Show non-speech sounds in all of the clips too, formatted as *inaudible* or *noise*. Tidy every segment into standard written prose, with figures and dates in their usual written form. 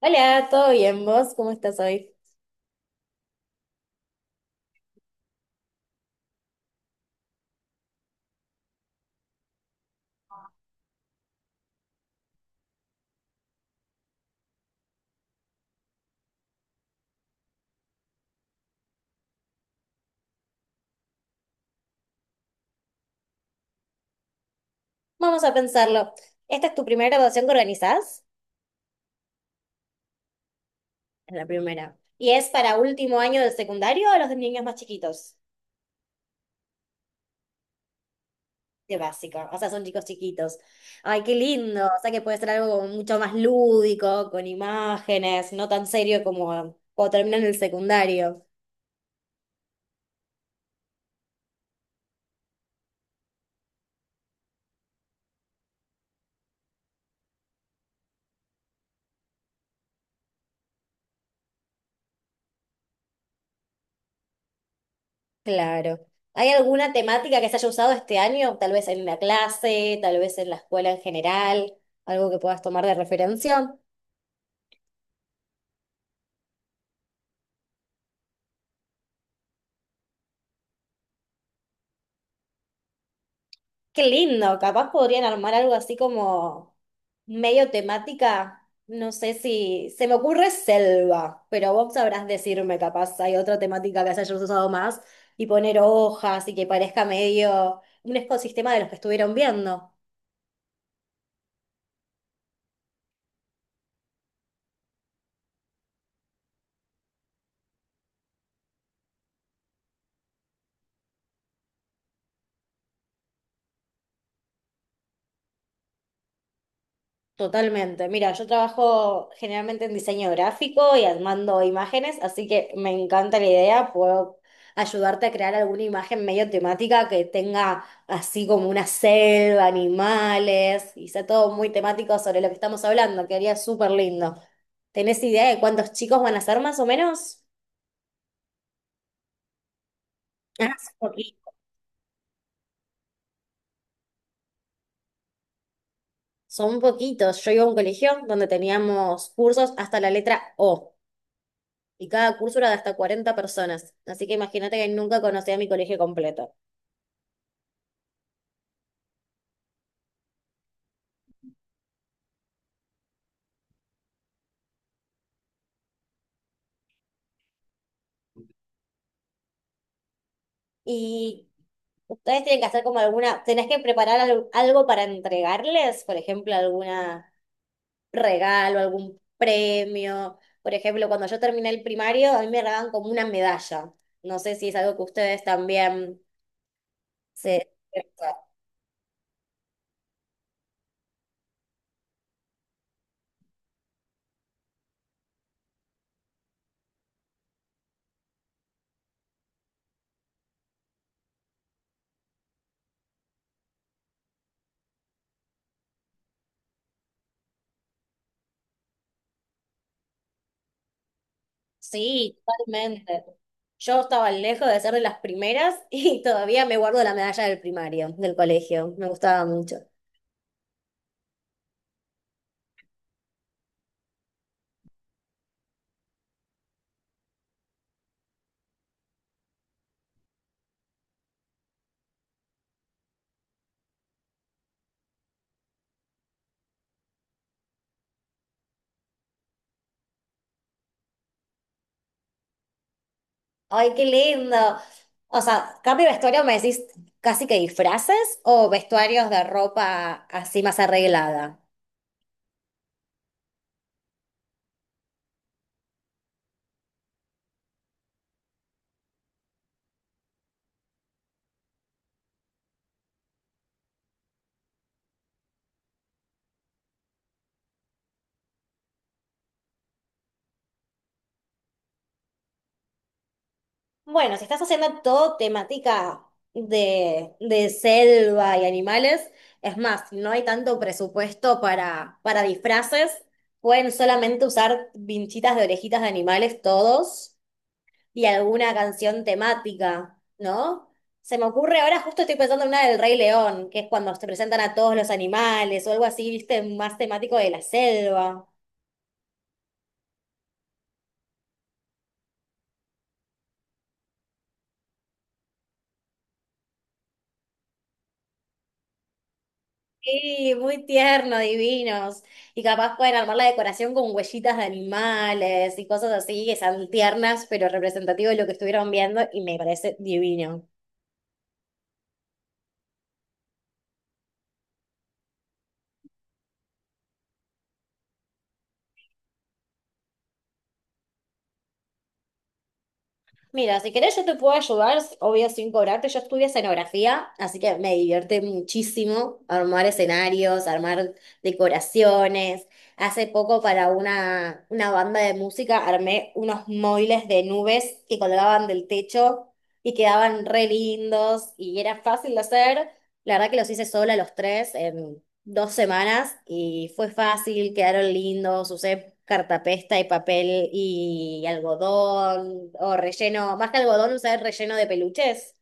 Hola, ¿todo bien? ¿Vos cómo estás hoy? Vamos a pensarlo. ¿Esta es tu primera graduación que organizás? Es la primera. ¿Y es para último año de secundario o los de niños más chiquitos? De básico, o sea, son chicos chiquitos. Ay, qué lindo. O sea, que puede ser algo como mucho más lúdico, con imágenes, no tan serio como cuando terminan el secundario. Claro. ¿Hay alguna temática que se haya usado este año? Tal vez en la clase, tal vez en la escuela en general, algo que puedas tomar de referencia. Qué lindo, capaz podrían armar algo así como medio temática. No sé si se me ocurre selva, pero vos sabrás decirme, capaz hay otra temática que se haya usado más y poner hojas y que parezca medio un ecosistema de los que estuvieron viendo. Totalmente. Mira, yo trabajo generalmente en diseño gráfico y armando imágenes, así que me encanta la idea. Puedo ayudarte a crear alguna imagen medio temática que tenga así como una selva, animales, y sea todo muy temático sobre lo que estamos hablando, quedaría súper lindo. ¿Tenés idea de cuántos chicos van a ser más o menos? Ah, son poquitos. Son poquitos. Yo iba a un colegio donde teníamos cursos hasta la letra O, y cada curso era de hasta 40 personas. Así que imagínate que nunca conocí a mi colegio completo. Y ustedes tienen que hacer como alguna, tenés que preparar algo para entregarles, por ejemplo, algún regalo, algún premio. Por ejemplo, cuando yo terminé el primario, a mí me regalaban como una medalla. No sé si es algo que ustedes también se... Sí, totalmente. Yo estaba lejos de ser de las primeras *laughs* y todavía me guardo la medalla del primario, del colegio. Me gustaba mucho. Ay, qué lindo. O sea, cambio de vestuario, me decís casi que disfraces o vestuarios de ropa así más arreglada. Bueno, si estás haciendo todo temática de selva y animales, es más, si no hay tanto presupuesto para disfraces. Pueden solamente usar vinchitas de orejitas de animales todos. Y alguna canción temática, ¿no? Se me ocurre, ahora justo estoy pensando en una del Rey León, que es cuando se presentan a todos los animales o algo así, viste, más temático de la selva. Sí, muy tierno, divinos. Y capaz pueden armar la decoración con huellitas de animales y cosas así que sean tiernas, pero representativas de lo que estuvieron viendo, y me parece divino. Mira, si querés yo te puedo ayudar, obvio sin cobrarte, yo estudié escenografía, así que me divierte muchísimo armar escenarios, armar decoraciones. Hace poco para una banda de música armé unos móviles de nubes que colgaban del techo y quedaban re lindos y era fácil de hacer. La verdad que los hice sola los tres, 2 semanas y fue fácil, quedaron lindos, usé cartapesta y papel y algodón o relleno, más que algodón usé relleno de peluches,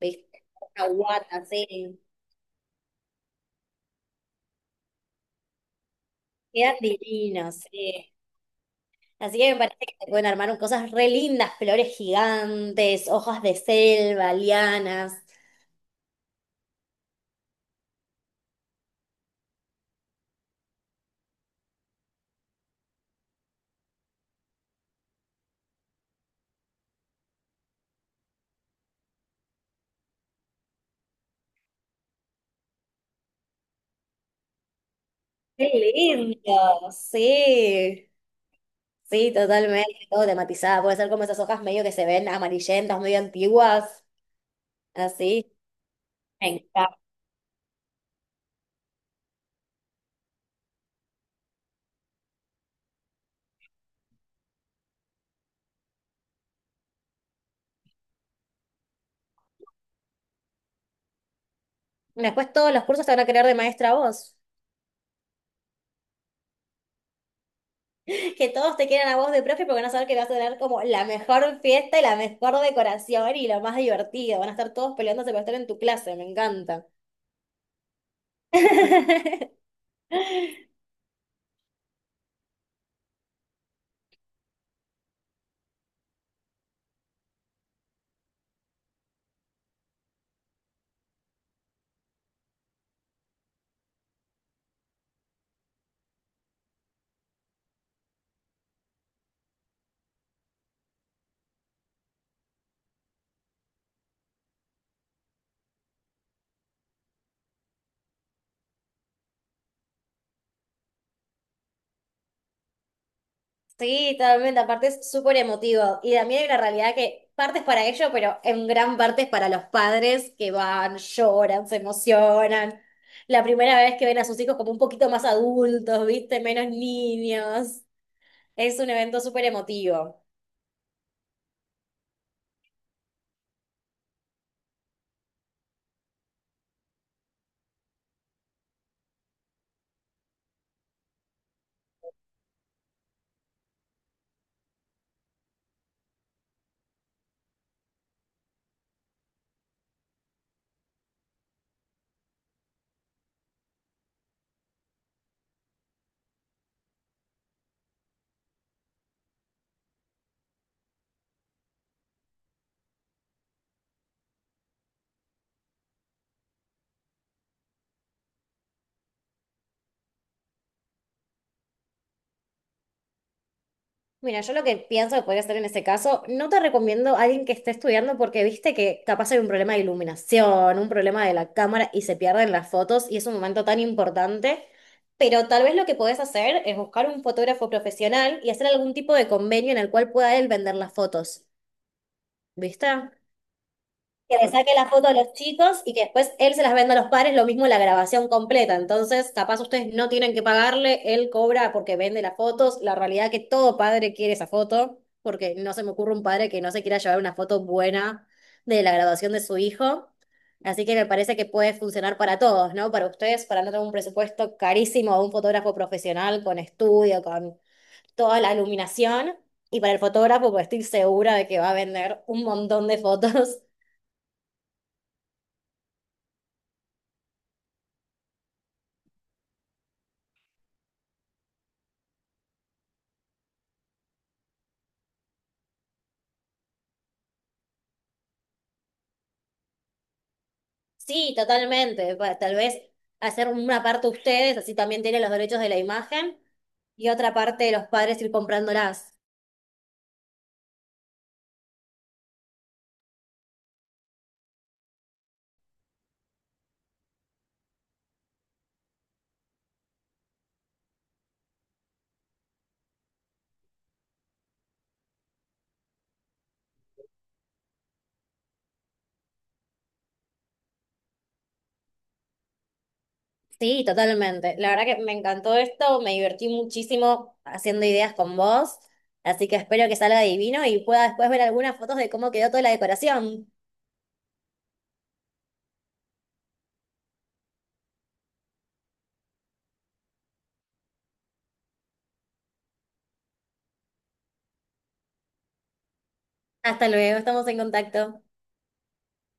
¿viste? Una guata, sí, quedan divinos, sí. Así que me parece que se pueden armar cosas re lindas, flores gigantes, hojas de selva, lianas. ¡Qué lindo! Sí, sí, totalmente, todo tematizado. Puede ser como esas hojas medio que se ven amarillentas, medio antiguas, así. Me encanta. Después todos los cursos te van a querer de maestra a vos. Que todos te quieran a vos de profe porque van a saber que vas a tener como la mejor fiesta y la mejor decoración y lo más divertido. Van a estar todos peleándose por estar en tu clase, me encanta. *laughs* Sí, totalmente, aparte es súper emotivo. Y también hay una realidad que parte es para ellos, pero en gran parte es para los padres que van, lloran, se emocionan. La primera vez que ven a sus hijos como un poquito más adultos, ¿viste? Menos niños. Es un evento súper emotivo. Mira, yo lo que pienso que podría hacer en ese caso, no te recomiendo a alguien que esté estudiando porque viste que capaz hay un problema de iluminación, un problema de la cámara y se pierden las fotos y es un momento tan importante. Pero tal vez lo que podés hacer es buscar un fotógrafo profesional y hacer algún tipo de convenio en el cual pueda él vender las fotos. ¿Viste? Que le saque la foto a los chicos y que después él se las venda a los padres, lo mismo la grabación completa. Entonces, capaz ustedes no tienen que pagarle, él cobra porque vende las fotos. La realidad es que todo padre quiere esa foto, porque no se me ocurre un padre que no se quiera llevar una foto buena de la graduación de su hijo. Así que me parece que puede funcionar para todos, ¿no? Para ustedes, para no tener un presupuesto carísimo a un fotógrafo profesional con estudio, con toda la iluminación. Y para el fotógrafo, pues estoy segura de que va a vender un montón de fotos. Sí, totalmente. Tal vez hacer una parte ustedes, así también tienen los derechos de la imagen, y otra parte de los padres ir comprándolas. Sí, totalmente. La verdad que me encantó esto, me divertí muchísimo haciendo ideas con vos, así que espero que salga divino y pueda después ver algunas fotos de cómo quedó toda la decoración. Hasta luego, estamos en contacto.